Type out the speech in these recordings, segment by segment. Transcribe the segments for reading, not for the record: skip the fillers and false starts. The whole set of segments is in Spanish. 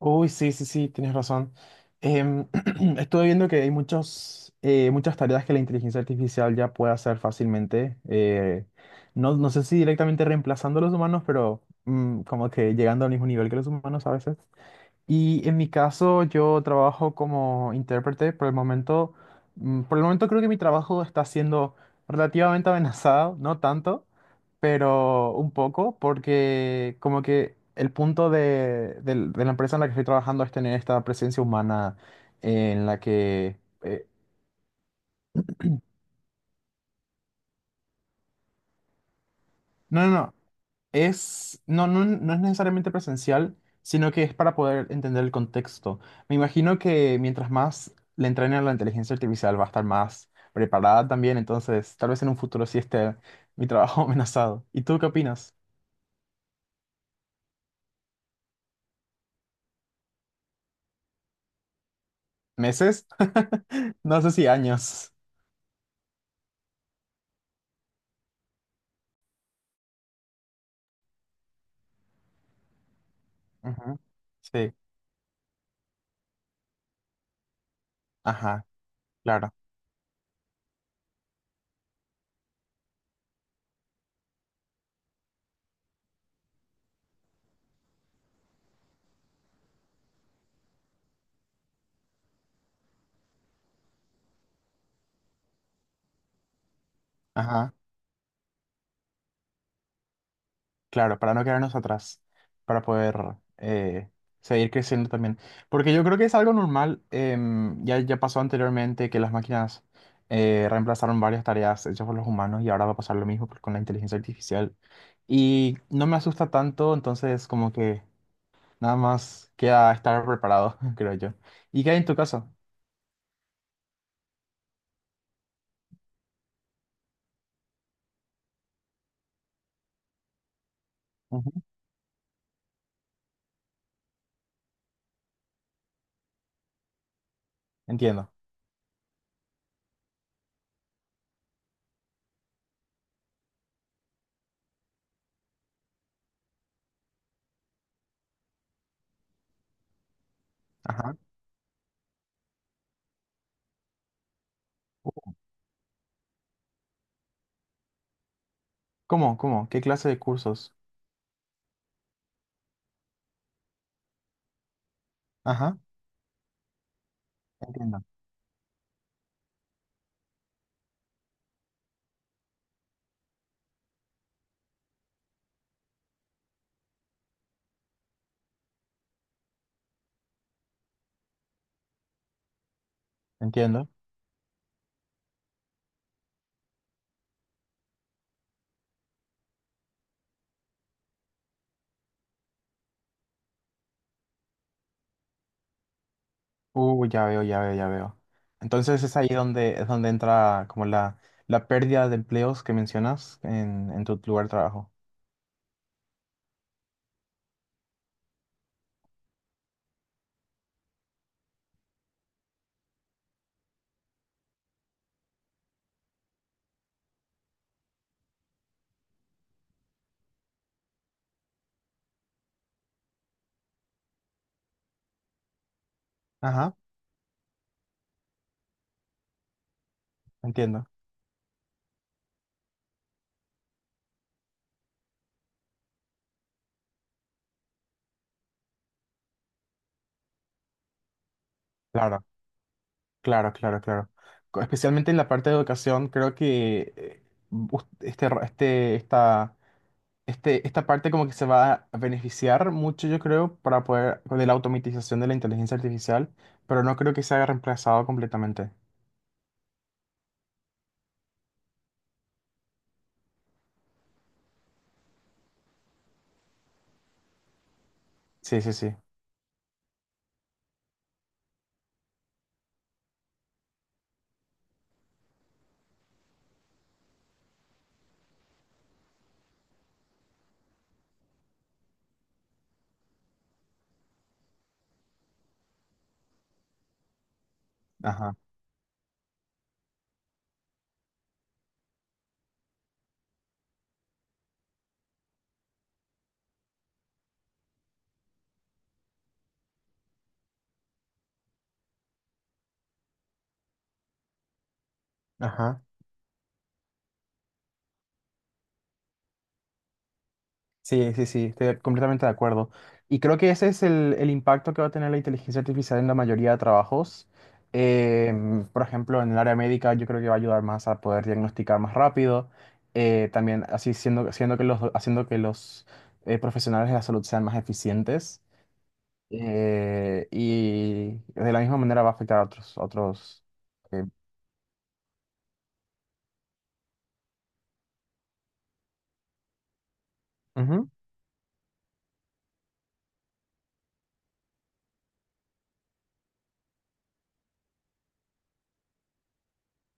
Uy, sí, sí, sí, tienes razón. Em, estuve viendo que hay muchos, muchas tareas que la inteligencia artificial ya puede hacer fácilmente. No sé si directamente reemplazando a los humanos, pero como que llegando al mismo nivel que los humanos a veces. Y en mi caso, yo trabajo como intérprete. Por el momento creo que mi trabajo está siendo relativamente amenazado, no tanto, pero un poco, porque como que el punto de la empresa en la que estoy trabajando es tener esta presencia humana en la que... eh, no, no, no. No, no, no es necesariamente presencial, sino que es para poder entender el contexto. Me imagino que mientras más le entrenen a la inteligencia artificial va a estar más preparada también, entonces tal vez en un futuro sí esté mi trabajo amenazado. ¿Y tú qué opinas? ¿Meses? No sé si años. Ujú. Sí, ajá, claro, ajá. Claro, para no quedarnos atrás, para poder eh, seguir creciendo también. Porque yo creo que es algo normal, ya pasó anteriormente que las máquinas reemplazaron varias tareas hechas por los humanos y ahora va a pasar lo mismo con la inteligencia artificial. Y no me asusta tanto, entonces como que nada más queda estar preparado, creo yo. ¿Y qué hay en tu caso? Ujú. Entiendo. Ajá. ¿Cómo? ¿Cómo? ¿Qué clase de cursos? Ajá, entiendo. Entiendo. Ya veo, ya veo, ya veo. Entonces es ahí donde es donde entra como la pérdida de empleos que mencionas en tu lugar de trabajo. Ajá, entiendo. Claro, claro, claro, claro. Especialmente en la parte de educación, creo que us- este, ro- este, esta, esta parte como que se va a beneficiar mucho, yo creo, para poder, de la automatización de la inteligencia artificial, pero no creo que se haya reemplazado completamente. Sí, sí, sí. Ajá. Ajá. Sí, sí, sí, estoy completamente de acuerdo. Y creo que ese es el impacto que va a tener la inteligencia artificial en la mayoría de trabajos. Por ejemplo, en el área médica yo creo que va a ayudar más a poder diagnosticar más rápido. También así siendo, haciendo que los profesionales de la salud sean más eficientes. Y de la misma manera va a afectar a otros, a otros. eh, ujú,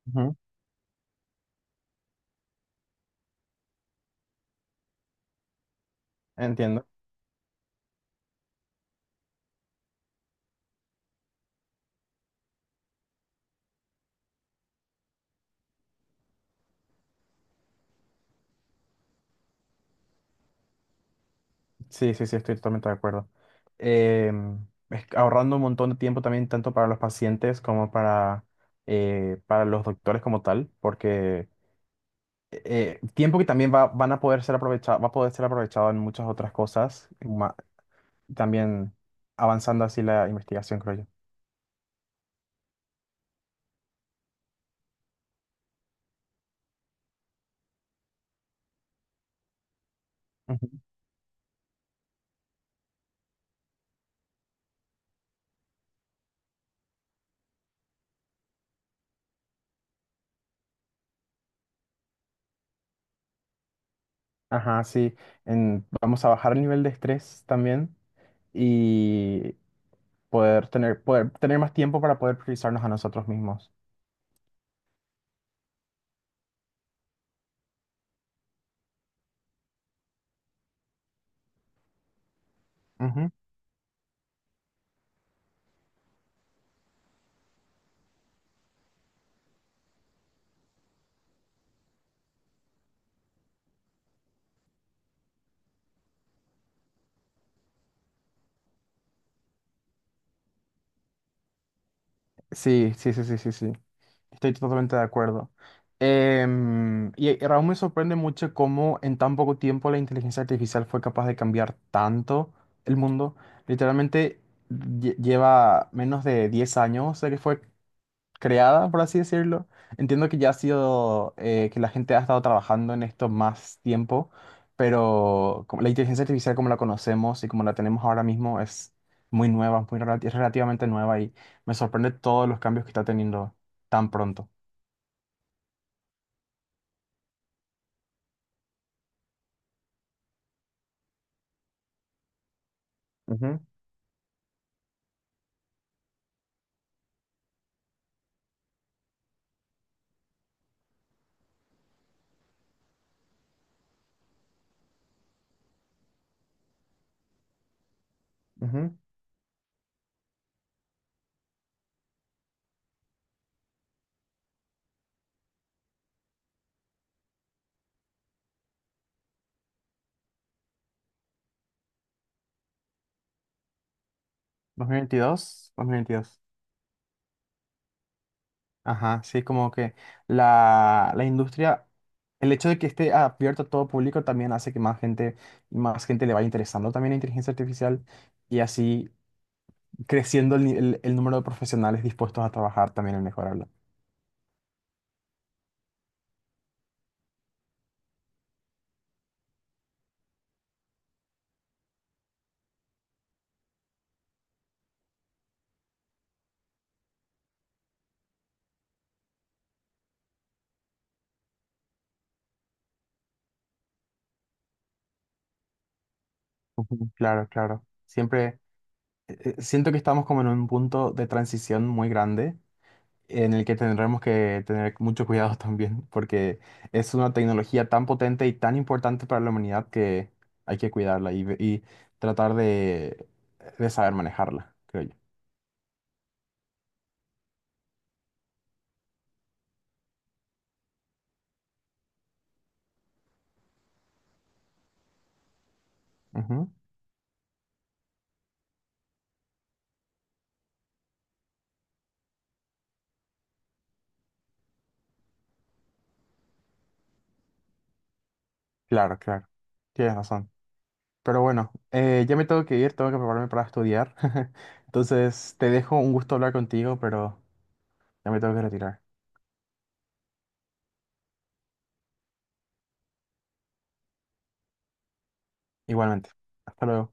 ujú, entiendo. Sí, sí, sí, estoy totalmente de acuerdo. Es que ahorrando un montón de tiempo también, tanto para los pacientes como para los doctores como tal, porque tiempo que van a poder ser aprovechado, va a poder ser aprovechado en muchas otras cosas, también avanzando así la investigación, creo yo. Ujú. Ajá, sí. Vamos a bajar el nivel de estrés también y poder tener más tiempo para poder priorizarnos a nosotros mismos. Sí, sí, sí, sí, sí, sí. Estoy totalmente de acuerdo. Y Raúl, me sorprende mucho cómo en tan poco tiempo la inteligencia artificial fue capaz de cambiar tanto el mundo. Literalmente lleva menos de 10 años de que fue creada, por así decirlo. Entiendo que ya ha sido, que la gente ha estado trabajando en esto más tiempo, pero la inteligencia artificial como la conocemos y como la tenemos ahora mismo es muy nueva, muy, relati es relativamente nueva y me sorprende todos los cambios que está teniendo tan pronto. Ujú, ujú. 2022, 2022. Ajá, sí, como que la industria, el hecho de que esté abierto a todo público también hace que más gente le vaya interesando también la inteligencia artificial y así creciendo el, el número de profesionales dispuestos a trabajar también en mejorarla. Ujú. Claro, claro. Siempre siento que estamos como en un punto de transición muy grande en el que tendremos que tener mucho cuidado también, porque es una tecnología tan potente y tan importante para la humanidad que hay que cuidarla y tratar de saber manejarla, creo yo. Ujú. Claro, claro. Tienes razón. Pero bueno, ya me tengo que ir, tengo que prepararme para estudiar. Entonces, te dejo, un gusto hablar contigo, pero ya me tengo que retirar. Igualmente. Hasta luego.